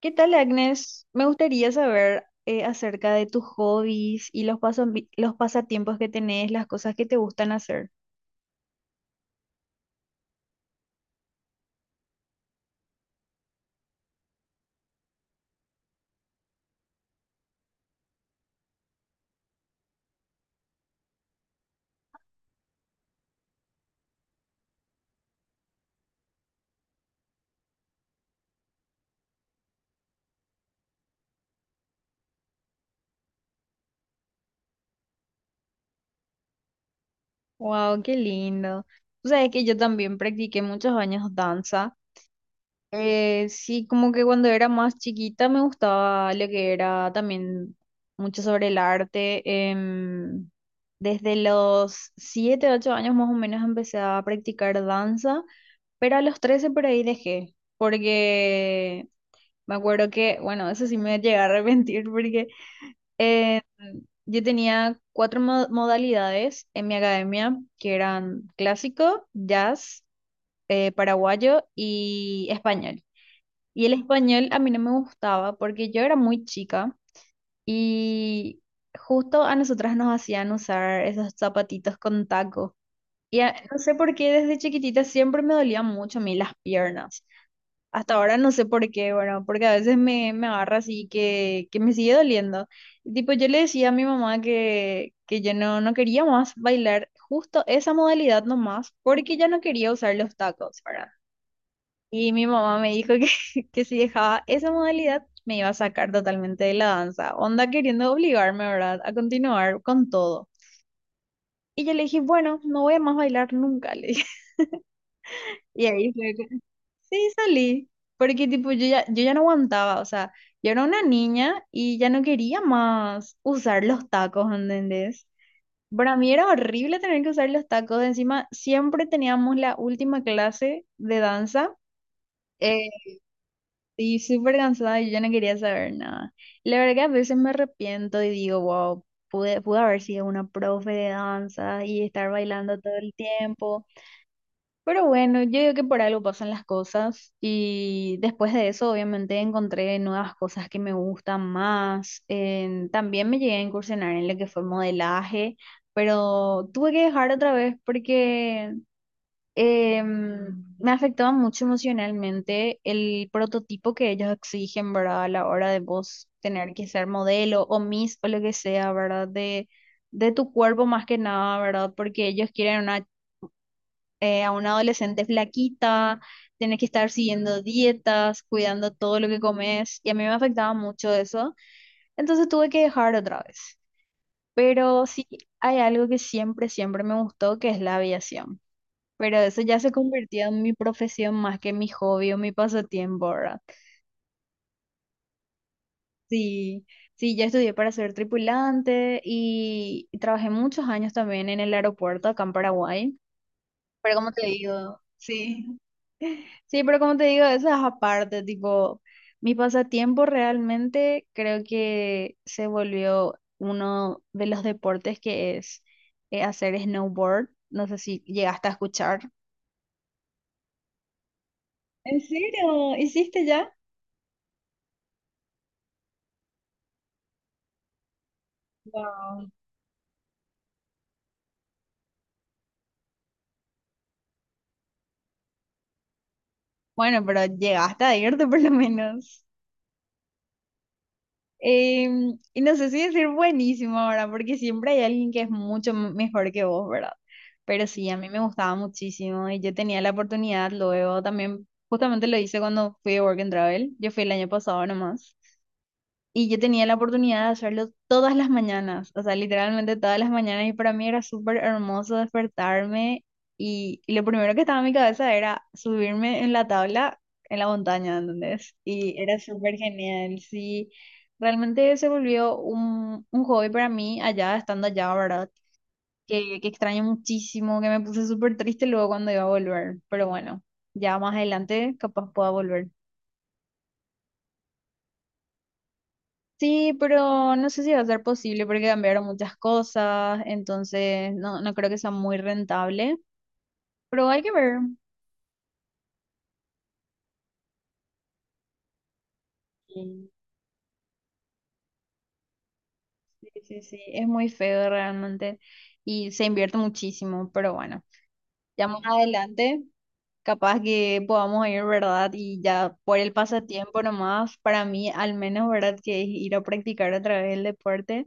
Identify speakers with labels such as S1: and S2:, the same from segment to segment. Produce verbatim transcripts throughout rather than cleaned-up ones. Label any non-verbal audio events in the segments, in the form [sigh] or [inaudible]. S1: ¿Qué tal, Agnes? Me gustaría saber eh, acerca de tus hobbies y los pasos los pasatiempos que tenés, las cosas que te gustan hacer. Wow, qué lindo. Tú sabes que yo también practiqué muchos años danza. Eh, sí, como que cuando era más chiquita me gustaba lo que era también mucho sobre el arte. Em, Desde los siete, ocho años más o menos empecé a practicar danza, pero a los trece por ahí dejé, porque me acuerdo que, bueno, eso sí me llegué a arrepentir porque eh, yo tenía cuatro mo- modalidades en mi academia, que eran clásico, jazz, eh, paraguayo y español. Y el español a mí no me gustaba porque yo era muy chica y justo a nosotras nos hacían usar esos zapatitos con taco. Y a- no sé por qué desde chiquitita siempre me dolían mucho a mí las piernas. Hasta ahora no sé por qué, bueno, porque a veces me, me agarra así que, que me sigue doliendo. Y tipo, yo le decía a mi mamá que, que yo no, no quería más bailar justo esa modalidad nomás, porque ya no quería usar los tacos, ¿verdad? Y mi mamá me dijo que, [laughs] que si dejaba esa modalidad, me iba a sacar totalmente de la danza. Onda queriendo obligarme, ¿verdad?, a continuar con todo. Y yo le dije, bueno, no voy a más bailar nunca, le dije. [laughs] Y ahí fue. Sí, salí, porque tipo yo ya, yo ya no aguantaba, o sea, yo era una niña y ya no quería más usar los tacos, ¿entendés? Para mí era horrible tener que usar los tacos, encima siempre teníamos la última clase de danza eh, y súper cansada y yo ya no quería saber nada. La verdad que a veces me arrepiento y digo, wow, pude, pude haber sido una profe de danza y estar bailando todo el tiempo. Pero bueno, yo digo que por algo pasan las cosas y después de eso obviamente encontré nuevas cosas que me gustan más. En- también me llegué a incursionar en lo que fue modelaje, pero tuve que dejar otra vez porque em, me afectaba mucho emocionalmente el prototipo que ellos exigen, ¿verdad? A la hora de vos tener que ser modelo o miss o lo que sea, ¿verdad? De, de tu cuerpo más que nada, ¿verdad? Porque ellos quieren una eh, a una adolescente flaquita, tienes que estar siguiendo dietas, cuidando todo lo que comes, y a mí me afectaba mucho eso, entonces tuve que dejar otra vez. Pero sí, hay algo que siempre, siempre me gustó, que es la aviación. Pero eso ya se convirtió en mi profesión más que mi hobby o mi pasatiempo, ¿verdad? Sí, sí, yo estudié para ser tripulante y, y trabajé muchos años también en el aeropuerto acá en Paraguay. Pero como te digo, sí. Sí, pero como te digo, eso es aparte, tipo, mi pasatiempo realmente creo que se volvió uno de los deportes que es eh, hacer snowboard. No sé si llegaste a escuchar. ¿En serio? ¿Hiciste ya? Wow. Bueno, pero llegaste a irte por lo menos. Em, y no sé si decir buenísimo ahora, porque siempre hay alguien que es mucho m- mejor que vos, ¿verdad? Pero sí, a mí me gustaba muchísimo y yo tenía la oportunidad luego también, justamente lo hice cuando fui a Work and Travel, yo fui el año pasado nomás, y yo tenía la oportunidad de hacerlo todas las mañanas, o sea, literalmente todas las mañanas. Y para mí era súper hermoso despertarme. Y, y lo primero que estaba en mi cabeza era subirme en la tabla en la montaña, ¿entendés? Y era súper genial. Sí, realmente se volvió un, un hobby para mí allá, estando allá, ¿verdad? Que, que extraño muchísimo, que me puse súper triste luego cuando iba a volver. Pero bueno, ya más adelante capaz pueda volver. Sí, pero no sé si va a ser posible porque cambiaron muchas cosas, entonces no, no creo que sea muy rentable, pero hay que ver. Mm. Sí, sí, sí, es muy feo realmente y se invierte muchísimo, pero bueno, ya más adelante capaz que podamos ir, ¿verdad? Y ya por el pasatiempo nomás, para mí al menos, ¿verdad? Que es ir a practicar otra vez el deporte.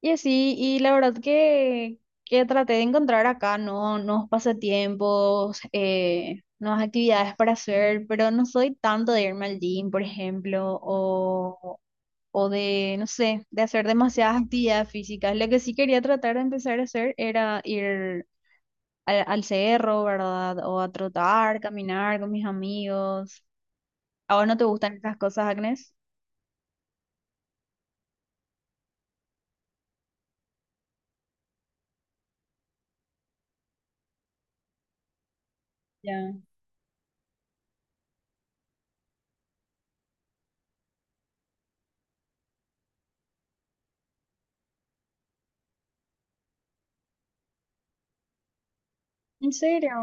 S1: Y así, y la verdad que, que traté de encontrar acá, ¿no? Nuevos pasatiempos, eh, nuevas actividades para hacer, pero no soy tanto de irme al gym, por ejemplo, o, o de, no sé, de hacer demasiadas actividades físicas. Lo que sí quería tratar de empezar a hacer era ir al, al cerro, ¿verdad? O a trotar, caminar con mis amigos. ¿A vos no te gustan estas cosas, Agnes? Ya. ¿En serio?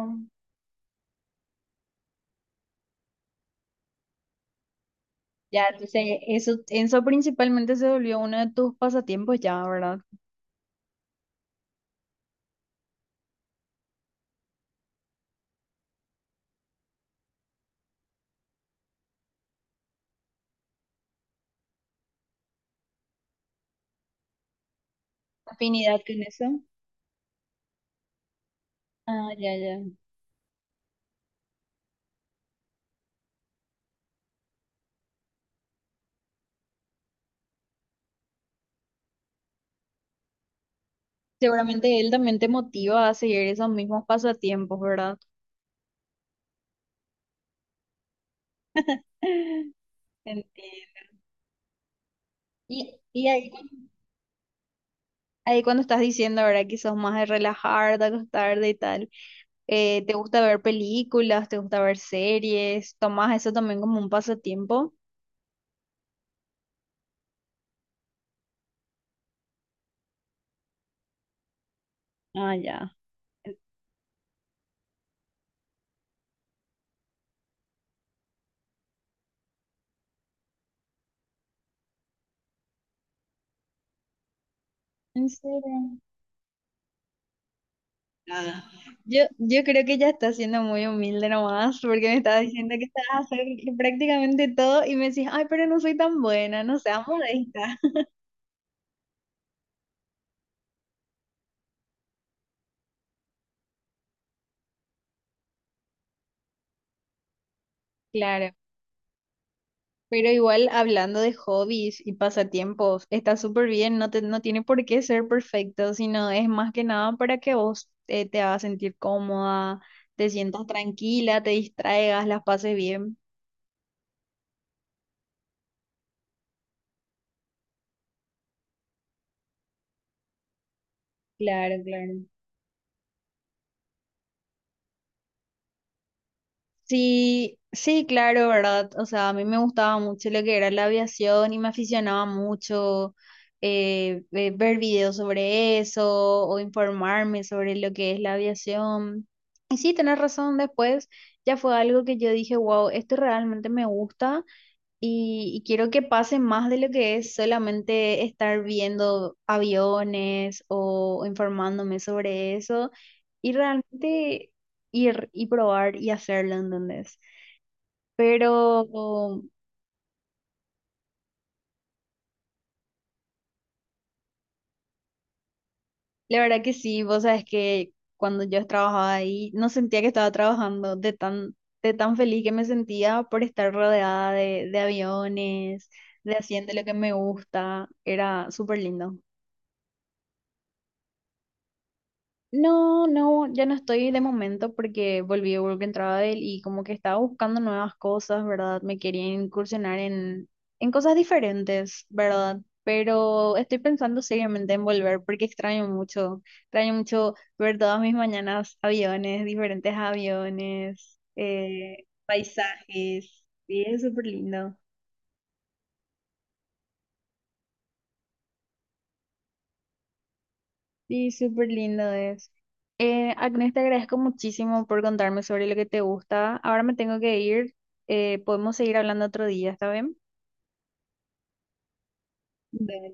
S1: Ya, entonces eso, eso principalmente se volvió uno de tus pasatiempos ya, ¿verdad? Afinidad con eso. Ah, ya, ya. Seguramente él también te motiva a seguir esos mismos pasatiempos, ¿verdad? [laughs] Entiendo. Y, y ahí, ahí cuando estás diciendo, ¿verdad? Que sos más de relajar, de acostarte y tal, eh, ¿te gusta ver películas? ¿Te gusta ver series? ¿Tomás eso también como un pasatiempo? Ah, ya. ¿En serio? Nada. Yo, yo creo que ya está siendo muy humilde nomás, porque me estaba diciendo que estaba hacer prácticamente todo y me decís, ay, pero no soy tan buena, no seas modesta. [laughs] Claro, pero igual hablando de hobbies y pasatiempos, está súper bien, no te, no tiene por qué ser perfecto, sino es más que nada para que vos eh, te hagas sentir cómoda, te sientas tranquila, te distraigas, las pases bien. Claro, claro. Sí, sí, claro, ¿verdad? O sea, a mí me gustaba mucho lo que era la aviación y me aficionaba mucho eh, ve- ver videos sobre eso o informarme sobre lo que es la aviación. Y sí, tenés razón, después ya fue algo que yo dije, wow, esto realmente me gusta y, y quiero que pase más de lo que es solamente estar viendo aviones o informándome sobre eso y realmente ir y probar y hacerlo, ¿entendés? Pero la verdad que sí, vos sabes que cuando yo trabajaba ahí no sentía que estaba trabajando de tan, de tan feliz que me sentía por estar rodeada de, de aviones, de haciendo lo que me gusta, era súper lindo. No, no, ya no estoy de momento porque volví a Work and Travel y como que estaba buscando nuevas cosas, ¿verdad? Me quería incursionar en, en cosas diferentes, ¿verdad? Pero estoy pensando seriamente en volver porque extraño mucho, extraño mucho ver todas mis mañanas aviones, diferentes aviones, eh, paisajes, y es súper lindo. Sí, súper lindo es. Eh, Agnes, te agradezco muchísimo por contarme sobre lo que te gusta. Ahora me tengo que ir. Eh, podemos seguir hablando otro día, ¿está bien? Dale.